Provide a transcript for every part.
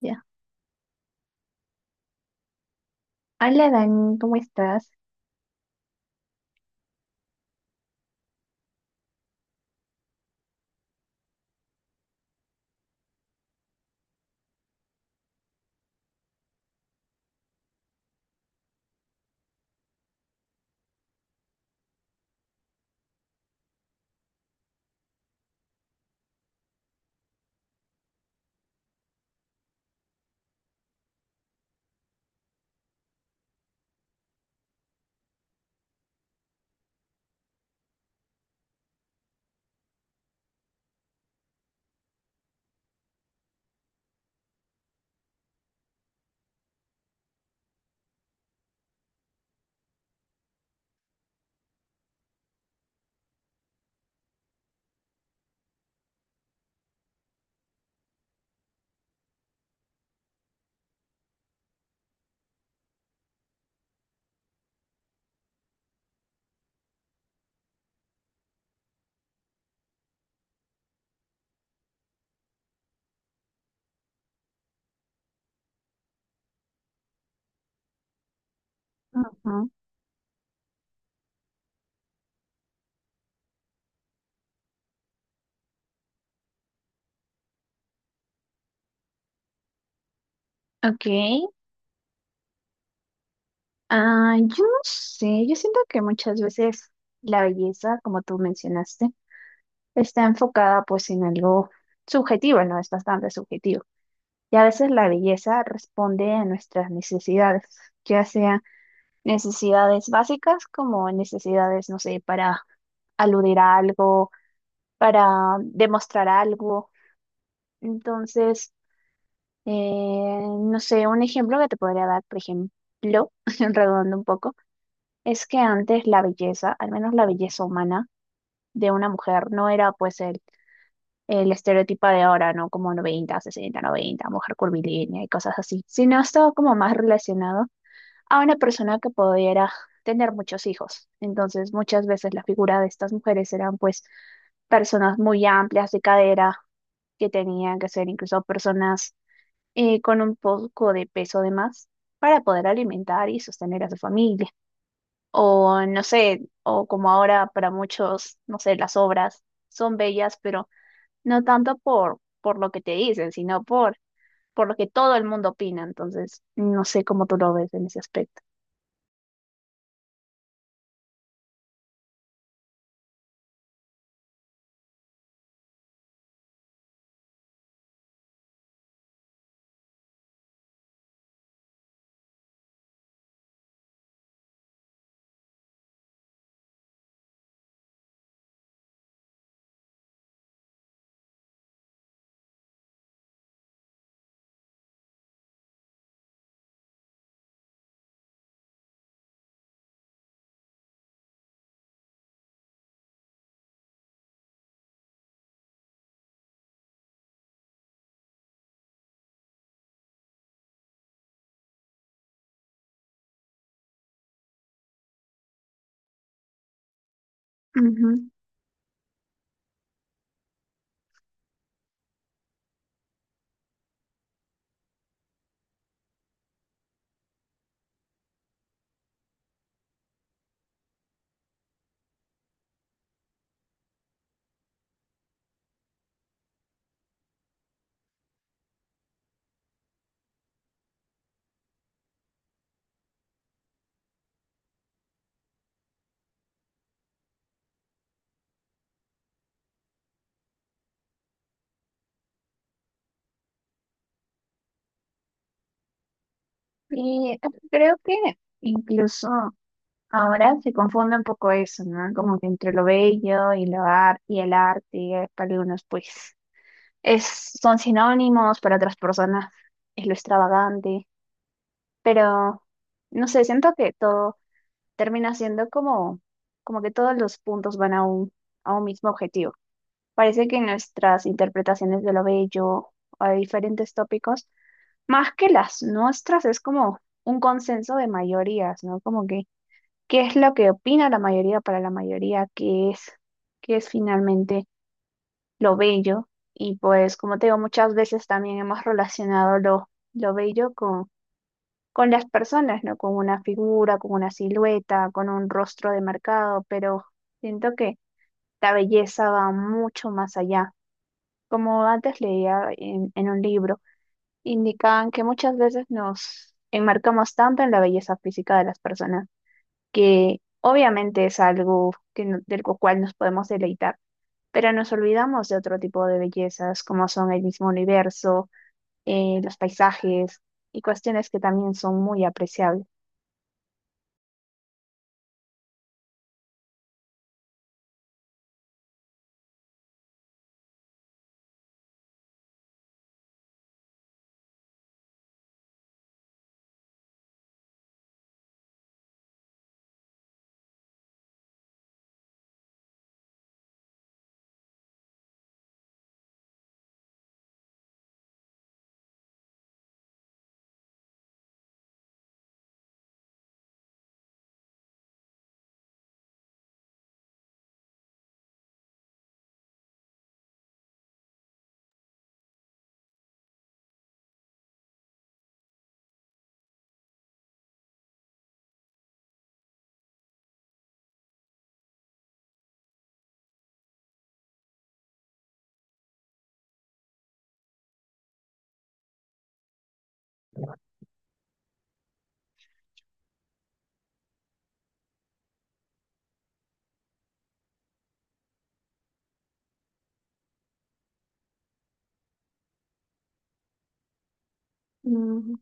Ya. Hola, Dani, ¿cómo estás? Ujú. Ok. Yo no sé, yo siento que muchas veces la belleza, como tú mencionaste, está enfocada pues en algo subjetivo, ¿no? Es bastante subjetivo. Y a veces la belleza responde a nuestras necesidades, ya sea necesidades básicas como necesidades, no sé, para aludir a algo, para demostrar algo. Entonces, no sé, un ejemplo que te podría dar, por ejemplo, redondo un poco, es que antes la belleza, al menos la belleza humana de una mujer, no era pues el estereotipo de ahora, ¿no? Como 90-60-90, mujer curvilínea y cosas así, sino estaba como más relacionado a una persona que pudiera tener muchos hijos. Entonces, muchas veces la figura de estas mujeres eran pues personas muy amplias de cadera, que tenían que ser incluso personas con un poco de peso de más para poder alimentar y sostener a su familia. O no sé, o como ahora para muchos, no sé, las obras son bellas, pero no tanto por lo que te dicen, sino por lo que todo el mundo opina. Entonces, no sé cómo tú lo ves en ese aspecto. Ujú. Y creo que incluso ahora se confunde un poco eso, ¿no? Como que entre lo bello y y el arte, para algunos, pues. Es, son sinónimos para otras personas, es lo extravagante, pero no sé, siento que todo termina siendo como, como que todos los puntos van a a un mismo objetivo. Parece que nuestras interpretaciones de lo bello o de diferentes tópicos, más que las nuestras, es como un consenso de mayorías, ¿no? Como que, ¿qué es lo que opina la mayoría para la mayoría? Qué es finalmente lo bello? Y pues, como te digo, muchas veces también hemos relacionado lo bello con las personas, ¿no? Con una figura, con una silueta, con un rostro demarcado, pero siento que la belleza va mucho más allá. Como antes leía en un libro, indicaban que muchas veces nos enmarcamos tanto en la belleza física de las personas que obviamente es algo que, del cual nos podemos deleitar, pero nos olvidamos de otro tipo de bellezas, como son el mismo universo, los paisajes y cuestiones que también son muy apreciables. Mm,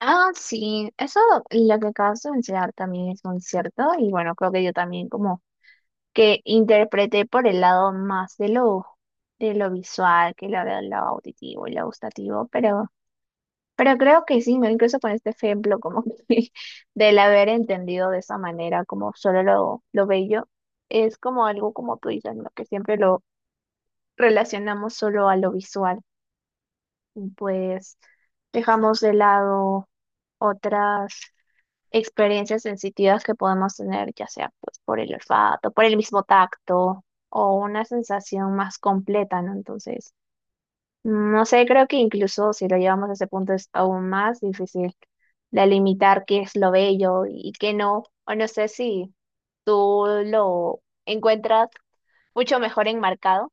Ah, sí, eso lo que acabas de mencionar también es muy cierto y bueno, creo que yo también como que interpreté por el lado más de lo visual que de lo auditivo y lo gustativo, pero creo que sí, ¿no? Incluso con este ejemplo, como que del haber entendido de esa manera, como solo lo bello, es como algo como tú dices, ¿no? Que siempre lo relacionamos solo a lo visual y pues dejamos de lado otras experiencias sensitivas que podemos tener, ya sea pues por el olfato, por el mismo tacto o una sensación más completa, ¿no? Entonces, no sé, creo que incluso si lo llevamos a ese punto es aún más difícil de limitar qué es lo bello y qué no. O no sé si tú lo encuentras mucho mejor enmarcado.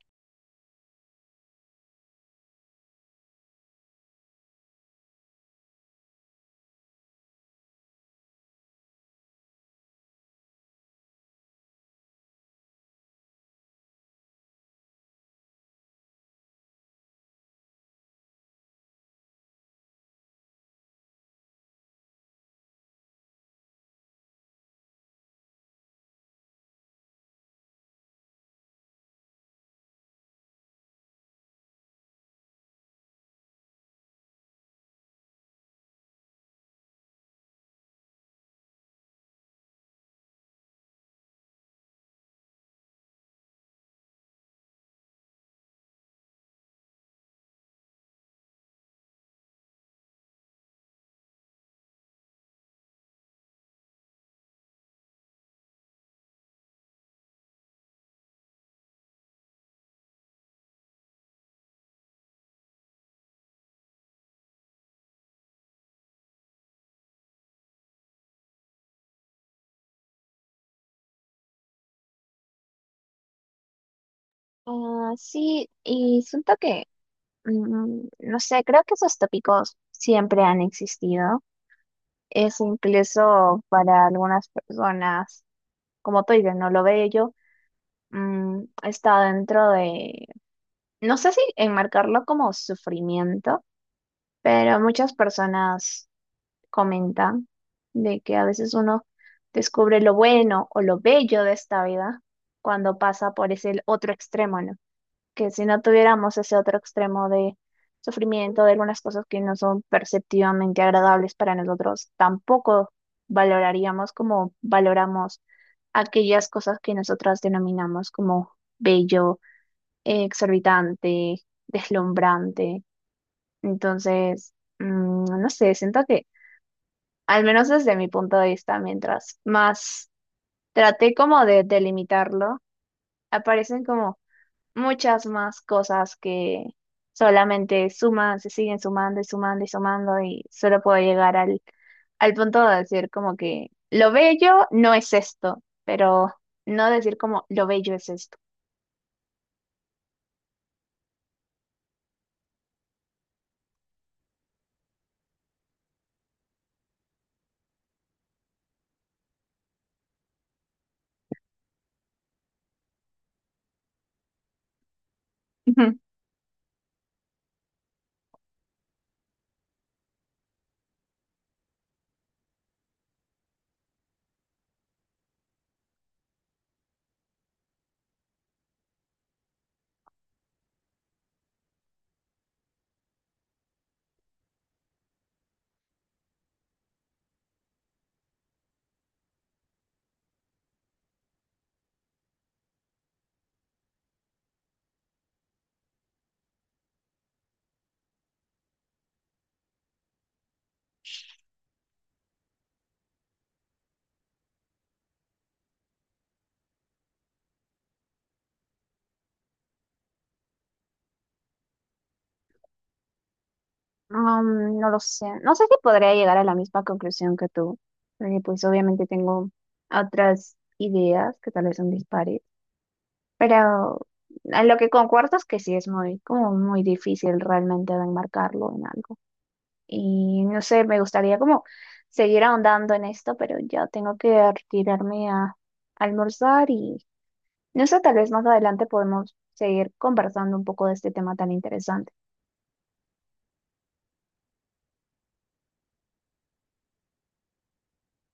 Ah, sí, y siento que, no sé, creo que esos tópicos siempre han existido. Es incluso para algunas personas, como tú dices, no lo bello, está dentro de, no sé si enmarcarlo como sufrimiento. Pero muchas personas comentan de que a veces uno descubre lo bueno o lo bello de esta vida cuando pasa por ese otro extremo, ¿no? Que si no tuviéramos ese otro extremo de sufrimiento, de algunas cosas que no son perceptivamente agradables para nosotros, tampoco valoraríamos como valoramos aquellas cosas que nosotras denominamos como bello, exorbitante, deslumbrante. Entonces, no sé, siento que, al menos desde mi punto de vista, mientras más traté como de delimitarlo, aparecen como muchas más cosas que solamente suman, se siguen sumando y sumando y sumando, y solo puedo llegar al punto de decir como que lo bello no es esto, pero no decir como lo bello es esto. No lo sé. No sé si podría llegar a la misma conclusión que tú, porque pues obviamente tengo otras ideas que tal vez son dispares, pero a lo que concuerdo es que sí es muy, como muy difícil realmente de enmarcarlo en algo. Y no sé, me gustaría como seguir ahondando en esto, pero ya tengo que retirarme a almorzar y no sé, tal vez más adelante podemos seguir conversando un poco de este tema tan interesante.